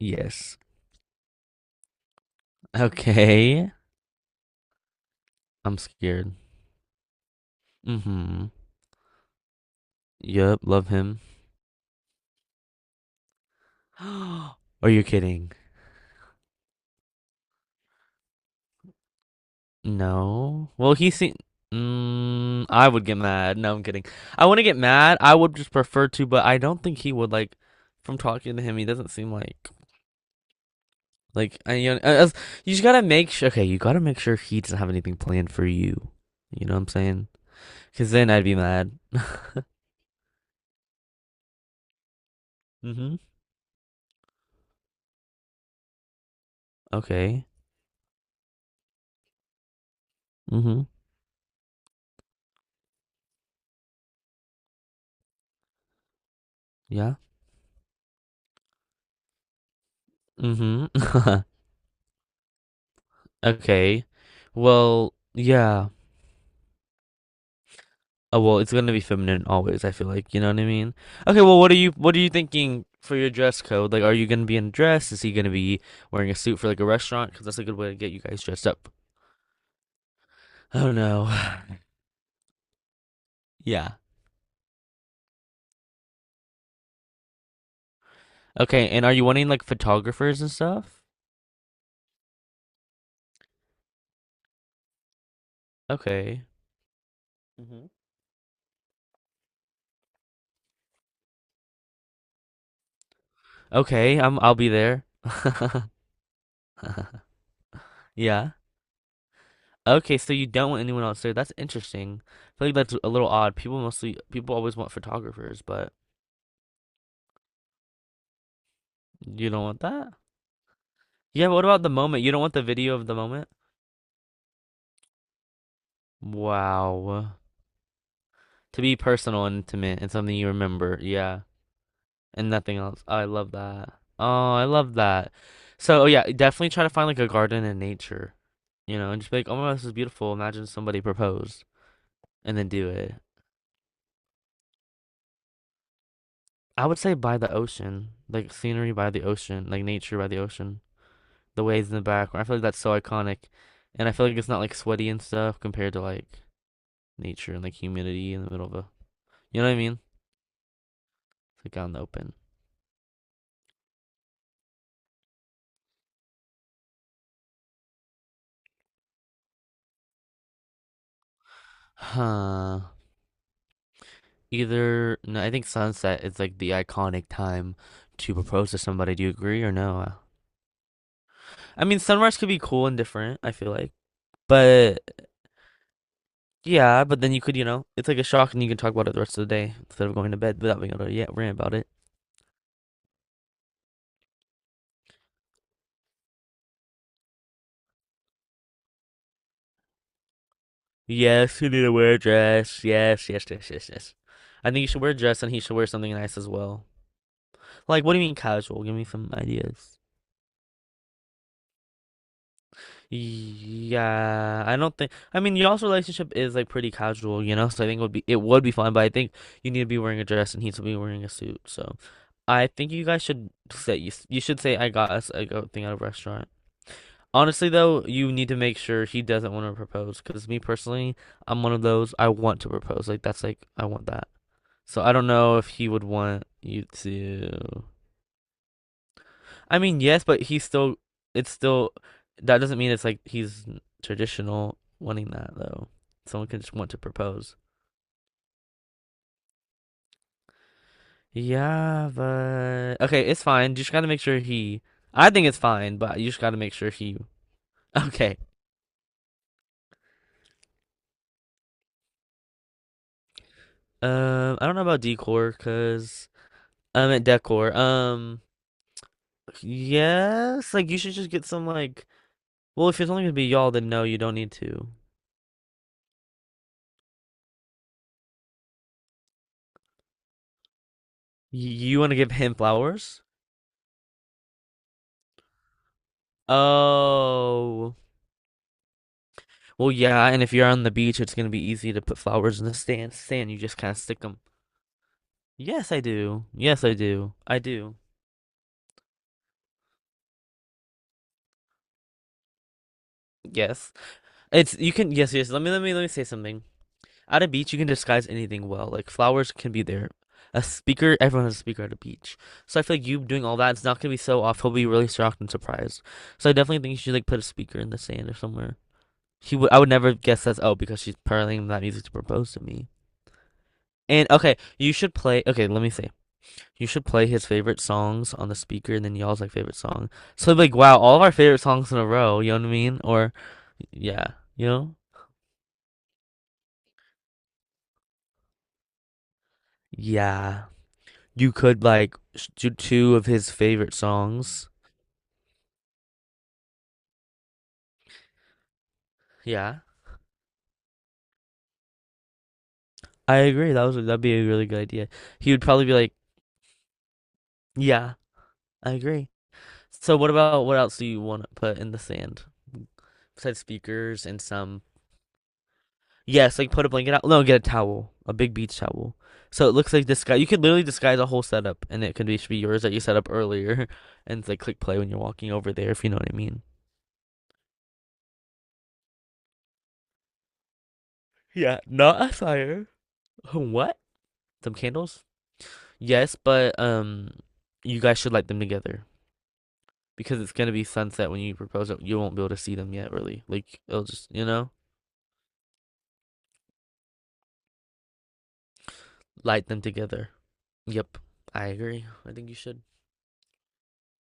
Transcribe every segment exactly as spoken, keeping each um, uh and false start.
Yes. Okay. I'm scared. Mm-hmm. Yep, love him. Are you kidding? No. Well, he seemed. Mm, I would get mad. No, I'm kidding. I wouldn't get mad. I would just prefer to, but I don't think he would like. From talking to him, he doesn't seem like like. I, you, know, as, you just gotta make sure. Okay, you gotta make sure he doesn't have anything planned for you. You know what I'm saying? Because then I'd be mad. Mm-hmm. Okay. Mm-hmm. Yeah. Mm-hmm. Okay. Well, yeah. Oh, well, it's gonna be feminine always, I feel like, you know what I mean? Okay, well, what are you what are you thinking for your dress code? Like, are you gonna be in a dress? Is he gonna be wearing a suit for like a restaurant? Because that's a good way to get you guys dressed up. I don't know. Yeah. Okay, and are you wanting like photographers and stuff? Okay. Hmm. Okay, I'm I'll be there. Yeah. Okay, so you don't want anyone else there. That's interesting. I feel like that's a little odd. People mostly people always want photographers, but you don't want that? Yeah, what about the moment? You don't want the video of the moment? Wow. To be personal and intimate and something you remember. Yeah. And nothing else. I love that. Oh, I love that. So, oh, yeah, definitely try to find like a garden in nature, you know, and just be like, oh my gosh, this is beautiful. Imagine somebody proposed and then do it. I would say by the ocean, like scenery by the ocean, like nature by the ocean, the waves in the background. I feel like that's so iconic. And I feel like it's not like sweaty and stuff compared to like nature and like humidity in the middle of a. You know what I mean? It's like out in the open. Huh. Either no, I think sunset is like the iconic time to propose to somebody. Do you agree or no? I mean, sunrise could be cool and different, I feel like. But yeah, but then you could, you know, it's like a shock and you can talk about it the rest of the day instead of going to bed without being able to, yeah, rant about it. Yes, you need to wear a dress. Yes, yes, yes, yes, yes. I think you should wear a dress and he should wear something nice as well. Like, what do you mean casual? Give me some ideas. Yeah, I don't think. I mean, y'all's relationship is like pretty casual, you know. So I think it would be it would be fine, but I think you need to be wearing a dress and he to be wearing a suit. So I think you guys should say you, s- you should say I got us a go thing at a restaurant. Honestly, though, you need to make sure he doesn't want to propose. Because me personally, I'm one of those I want to propose. Like that's like I want that. So I don't know if he would want you to. I mean, yes, but he's still. It's still. That doesn't mean it's like he's traditional wanting that though. Someone could just want to propose. Yeah, but okay, it's fine. You just gotta make sure he. I think it's fine, but you just gotta make sure he. Okay. Um, I don't know about decor, cause I meant decor. Um, yes, like you should just get some like. Well, if it's only gonna be y'all, then no, you don't need to. Y- you want to give him flowers? Oh, well, yeah, and if you're on the beach, it's gonna be easy to put flowers in the sand. Sand, you just kind of stick them. Yes, I do. Yes, I do. I do. Yes, it's you can. Yes, yes. Let me, let me, let me say something. At a beach, you can disguise anything well. Like flowers can be there. A speaker, everyone has a speaker at a beach. So I feel like you doing all that, it's not gonna be so off. He'll be really shocked and surprised. So I definitely think you should like put a speaker in the sand or somewhere. He would. I would never guess that's oh because she's playing that music to propose to me. And okay, you should play. Okay, let me say. You should play his favorite songs on the speaker and then y'all's like favorite song. So like wow, all of our favorite songs in a row, you know what I mean? Or yeah, you know? Yeah. You could like do two of his favorite songs. Yeah. I agree. That was that'd be a really good idea. He would probably be like, "Yeah, I agree." So what about what else do you want to put in the sand besides speakers and some. Yes, like put a blanket out. No, get a towel, a big beach towel. So it looks like this guy. You could literally disguise a whole setup, and it could be should be yours that you set up earlier, and like click play when you're walking over there, if you know what I mean. Yeah, not a fire. What? Some candles? Yes, but um, you guys should light them together because it's gonna be sunset when you propose it. You won't be able to see them yet, really. Like it'll just you know light them together. Yep, I agree. I think you should.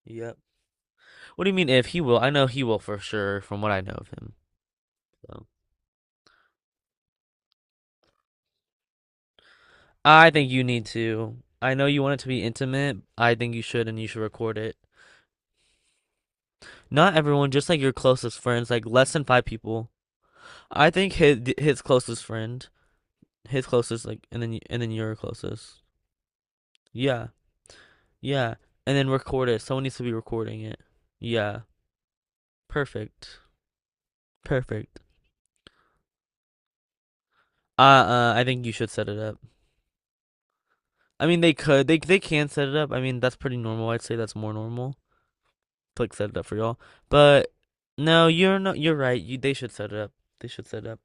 Yep. What do you mean if he will? I know he will for sure from what I know of him. So. I think you need to. I know you want it to be intimate. I think you should, and you should record it. Not everyone, just like your closest friends, like less than five people. I think his his closest friend, his closest, like, and then and then your closest. Yeah, yeah, and then record it. Someone needs to be recording it. Yeah, perfect, perfect. Uh, uh, I think you should set it up. I mean, they could, they they can set it up. I mean, that's pretty normal. I'd say that's more normal. Like, set it up for y'all. But no, you're not. You're right. You they should set it up. They should set it up.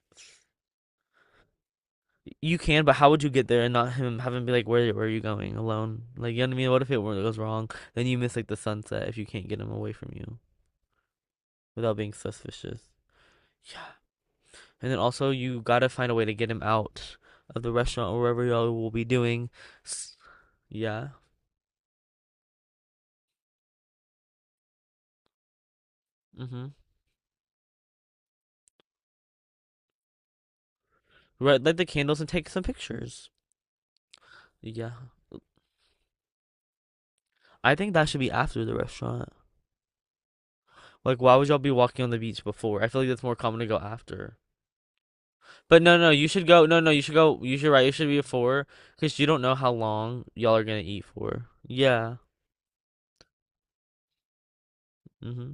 You can, but how would you get there and not him have him be like, where where are you going alone? Like you know what I mean? What if it goes wrong? Then you miss like the sunset if you can't get him away from you without being suspicious. Yeah, and then also you gotta find a way to get him out of the restaurant or wherever y'all will be doing. S- Yeah. Mhm. Right, light the candles and take some pictures. Yeah. I think that should be after the restaurant. Like, why would y'all be walking on the beach before? I feel like that's more common to go after. But no, no, you should go. No, no, you should go. You should right. It should be before because you don't know how long y'all are gonna eat for. Yeah. Mm-hmm.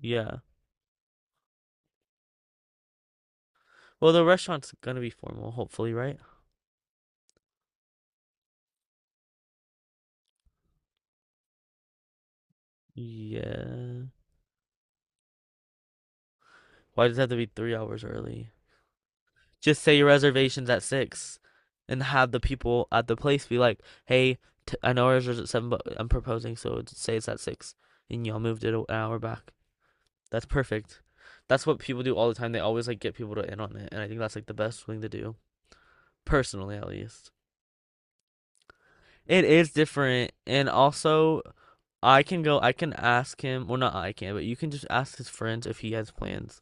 Yeah. Well, the restaurant's gonna be formal, hopefully, right? Yeah. Why does it have to be three hours early? Just say your reservation's at six, and have the people at the place be like, "Hey, t I know ours was at seven, but I'm proposing, so it's, say it's at six, and y'all moved it an hour back." That's perfect. That's what people do all the time. They always like get people to in on it, and I think that's like the best thing to do, personally at least. It is different, and also I can go. I can ask him. Well, not I can, but you can just ask his friends if he has plans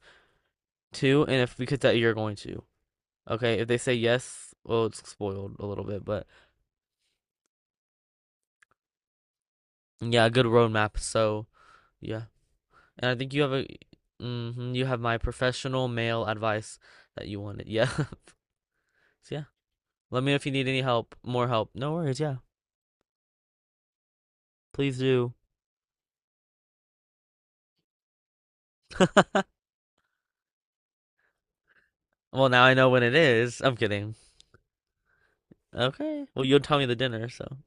too, and if because that you're going to. Okay, if they say yes, well, it's spoiled a little bit, but yeah, good roadmap. So yeah, and I think you have a, hmm you have my professional male advice that you wanted. Yeah, so yeah. Let me know if you need any help, more help. No worries. Yeah. Please do. Well, now I know when it is. I'm kidding. Okay. Well, you'll tell me the dinner, so